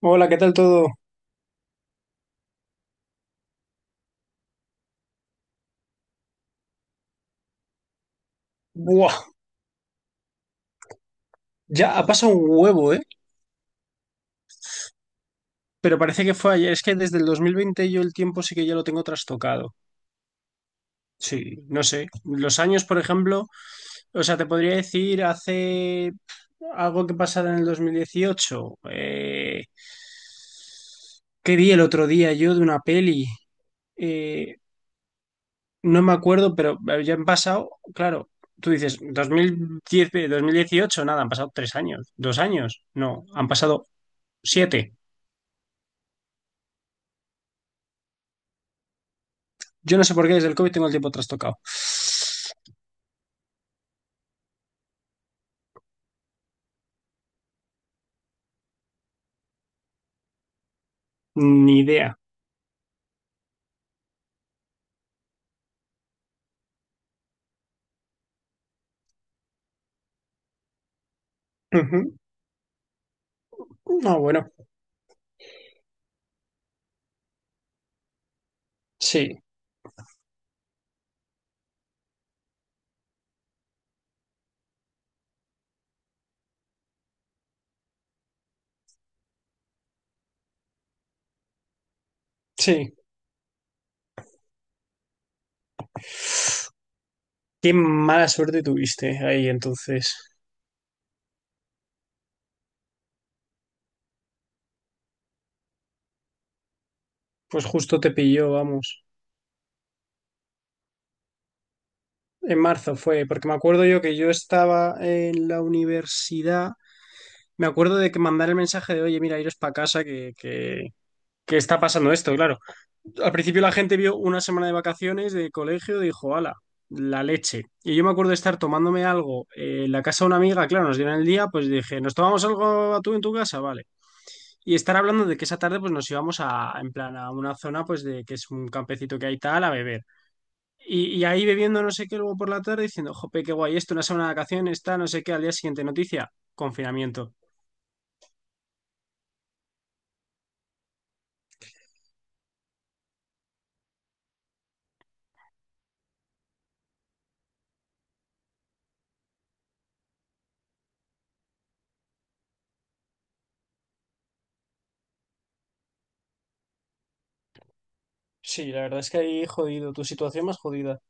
Hola, ¿qué tal todo? Buah, ya ha pasado un huevo, ¿eh? Pero parece que fue ayer. Es que desde el 2020 yo el tiempo sí que ya lo tengo trastocado. Sí, no sé. Los años, por ejemplo, o sea, te podría decir hace algo que pasara en el 2018. ¿Qué vi el otro día yo de una peli? Eh, no me acuerdo, pero ya han pasado, claro, tú dices, dos mil diez, 2018, nada, han pasado tres años, dos años, no, han pasado siete. Yo no sé por qué desde el COVID tengo el tiempo trastocado. Ni idea. Ujú. No, bueno, sí, sí. Qué mala suerte tuviste ahí entonces. Pues justo te pilló, vamos. En marzo fue, porque me acuerdo yo que yo estaba en la universidad. Me acuerdo de que mandar el mensaje de, oye, mira, iros para casa, que está pasando esto, claro. Al principio la gente vio una semana de vacaciones de colegio y dijo, ala, la leche. Y yo me acuerdo de estar tomándome algo en la casa de una amiga, claro, nos dieron el día, pues dije, ¿nos tomamos algo a tú en tu casa? Vale. Y estar hablando de que esa tarde pues nos íbamos a, en plan, a una zona pues de que es un campecito que hay tal, a beber. Y ahí bebiendo no sé qué luego por la tarde diciendo, jope, qué guay esto, una semana de vacaciones, está, no sé qué, al día siguiente noticia, confinamiento. Sí, la verdad es que ahí jodido, tu situación más jodida.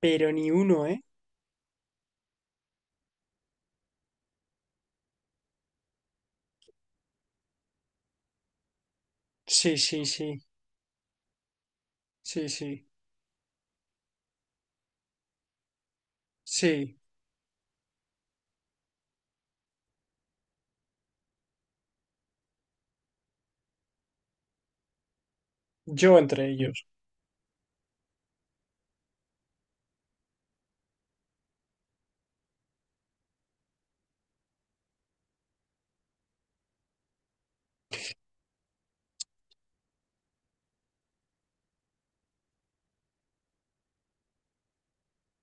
Pero ni uno, ¿eh? Sí, sí, sí, sí, sí. Sí, yo entre ellos.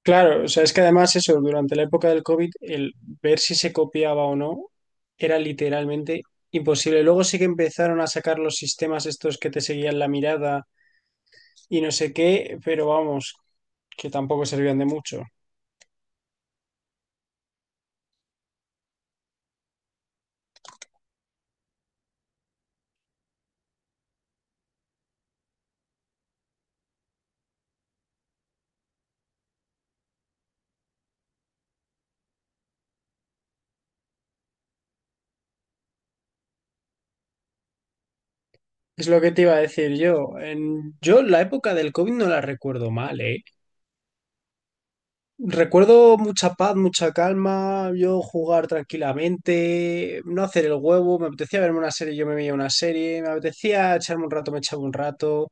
Claro, o sea, es que además eso, durante la época del COVID, el ver si se copiaba o no era literalmente imposible. Luego sí que empezaron a sacar los sistemas estos que te seguían la mirada y no sé qué, pero vamos, que tampoco servían de mucho. Es lo que te iba a decir yo. Yo la época del COVID no la recuerdo mal, ¿eh? Recuerdo mucha paz, mucha calma, yo jugar tranquilamente, no hacer el huevo, me apetecía verme una serie, yo me veía una serie, me apetecía echarme un rato, me echaba un rato,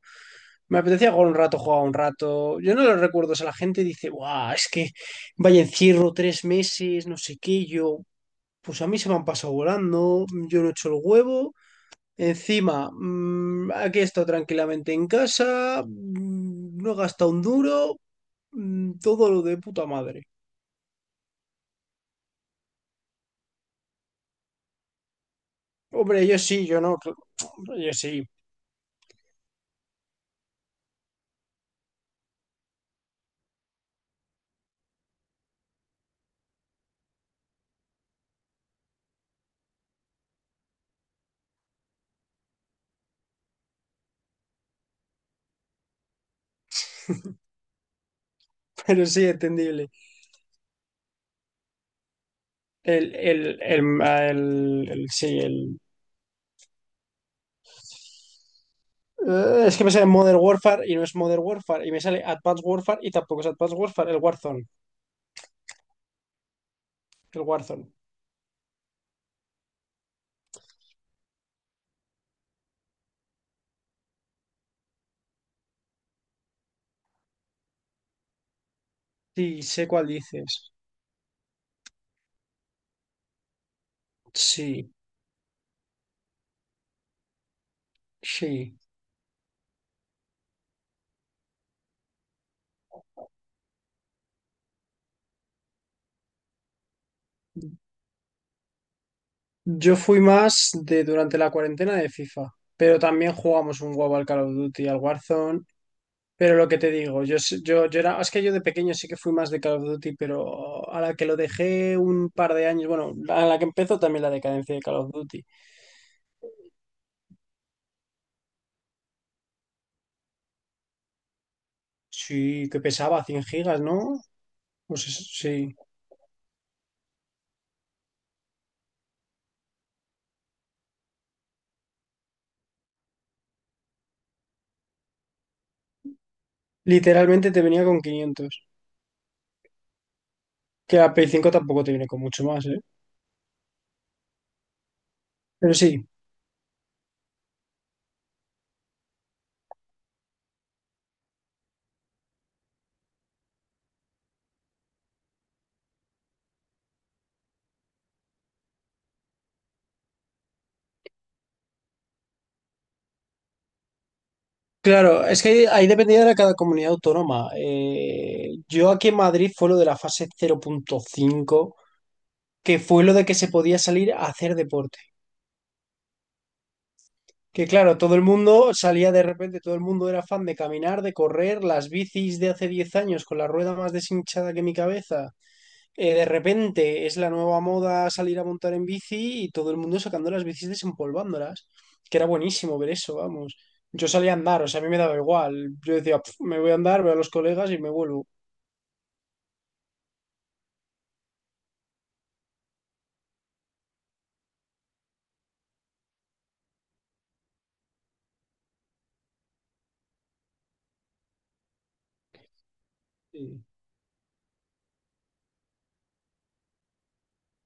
me apetecía jugar un rato, jugaba un rato. Yo no lo recuerdo, o sea, la gente dice, guau, es que vaya encierro tres meses, no sé qué, yo, pues a mí se me han pasado volando, yo no he hecho el huevo, encima, aquí he estado tranquilamente en casa, no he gastado un duro, todo lo de puta madre. Hombre, yo sí, yo no, yo sí, pero sí, entendible. El, ah, el- sí, el... Es que me sale Modern Warfare y no es Modern Warfare, y me sale Advanced Warfare y tampoco es Advanced Warfare, el Warzone. Sí, sé cuál dices. Sí, sí. Yo fui más de durante la cuarentena de FIFA, pero también jugamos un huevo al Call of Duty, al Warzone. Pero lo que te digo, yo era, es que yo de pequeño sí que fui más de Call of Duty, pero a la que lo dejé un par de años, bueno, a la que empezó también la decadencia de Call of Duty. Sí, que pesaba 100 gigas, ¿no? Sí, literalmente te venía con 500. Que la Play 5 tampoco te viene con mucho más, ¿eh? Pero sí, claro, es que ahí dependía de cada comunidad autónoma. Yo aquí en Madrid fue lo de la fase cero punto cinco, que fue lo de que se podía salir a hacer deporte. Que claro, todo el mundo salía de repente, todo el mundo era fan de caminar, de correr, las bicis de hace 10 años con la rueda más deshinchada que mi cabeza. De repente es la nueva moda salir a montar en bici y todo el mundo sacando las bicis desempolvándolas. Que era buenísimo ver eso, vamos. Yo salía a andar, o sea, a mí me daba igual. Yo decía, "Pf, me voy a andar, veo a los colegas y me vuelvo".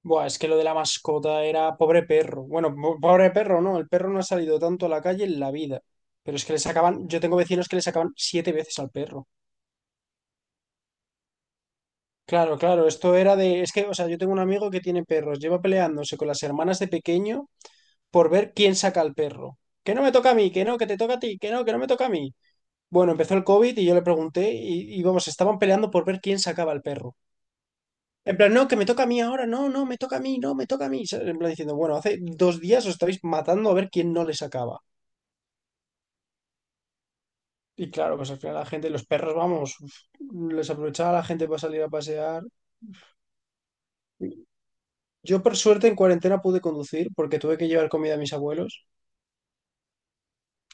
Buah, es que lo de la mascota era pobre perro. Bueno, pobre perro, no. El perro no ha salido tanto a la calle en la vida. Pero es que le sacaban, yo tengo vecinos que le sacaban siete veces al perro. Claro, claro, esto era de, es que, o sea, yo tengo un amigo que tiene perros, lleva peleándose con las hermanas de pequeño por ver quién saca al perro. Que no me toca a mí, que no, que te toca a ti, que no me toca a mí. Bueno, empezó el COVID y yo le pregunté y vamos, estaban peleando por ver quién sacaba al perro. En plan, no, que me toca a mí ahora, no, no, me toca a mí, no, me toca a mí. ¿Sabes? En plan diciendo, bueno, hace dos días os estáis matando a ver quién no les acaba. Y claro, pues al final la gente, los perros, vamos, uf, les aprovechaba la gente para salir a pasear. Yo por suerte en cuarentena pude conducir porque tuve que llevar comida a mis abuelos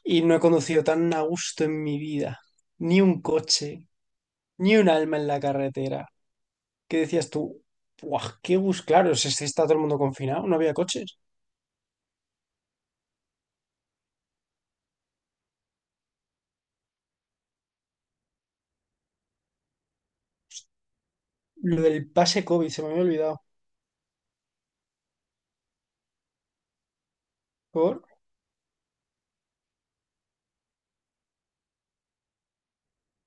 y no he conducido tan a gusto en mi vida. Ni un coche, ni un alma en la carretera. ¿Qué decías tú? Buah, qué bus claro, si está todo el mundo confinado, no había coches. Lo del pase COVID, se me había olvidado. Por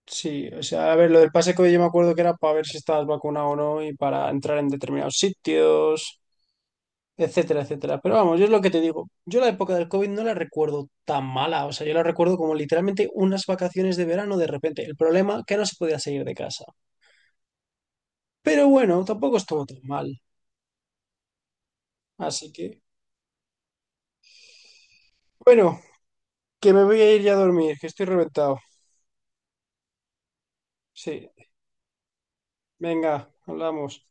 Sí, o sea, a ver, lo del pase COVID yo me acuerdo que era para ver si estabas vacunado o no y para entrar en determinados sitios, etcétera, etcétera. Pero vamos, yo es lo que te digo. Yo la época del COVID no la recuerdo tan mala, o sea, yo la recuerdo como literalmente unas vacaciones de verano de repente. El problema que no se podía salir de casa. Pero bueno, tampoco estuvo tan mal. Así que, bueno, que me voy a ir ya a dormir, que estoy reventado. Sí, venga, hablamos.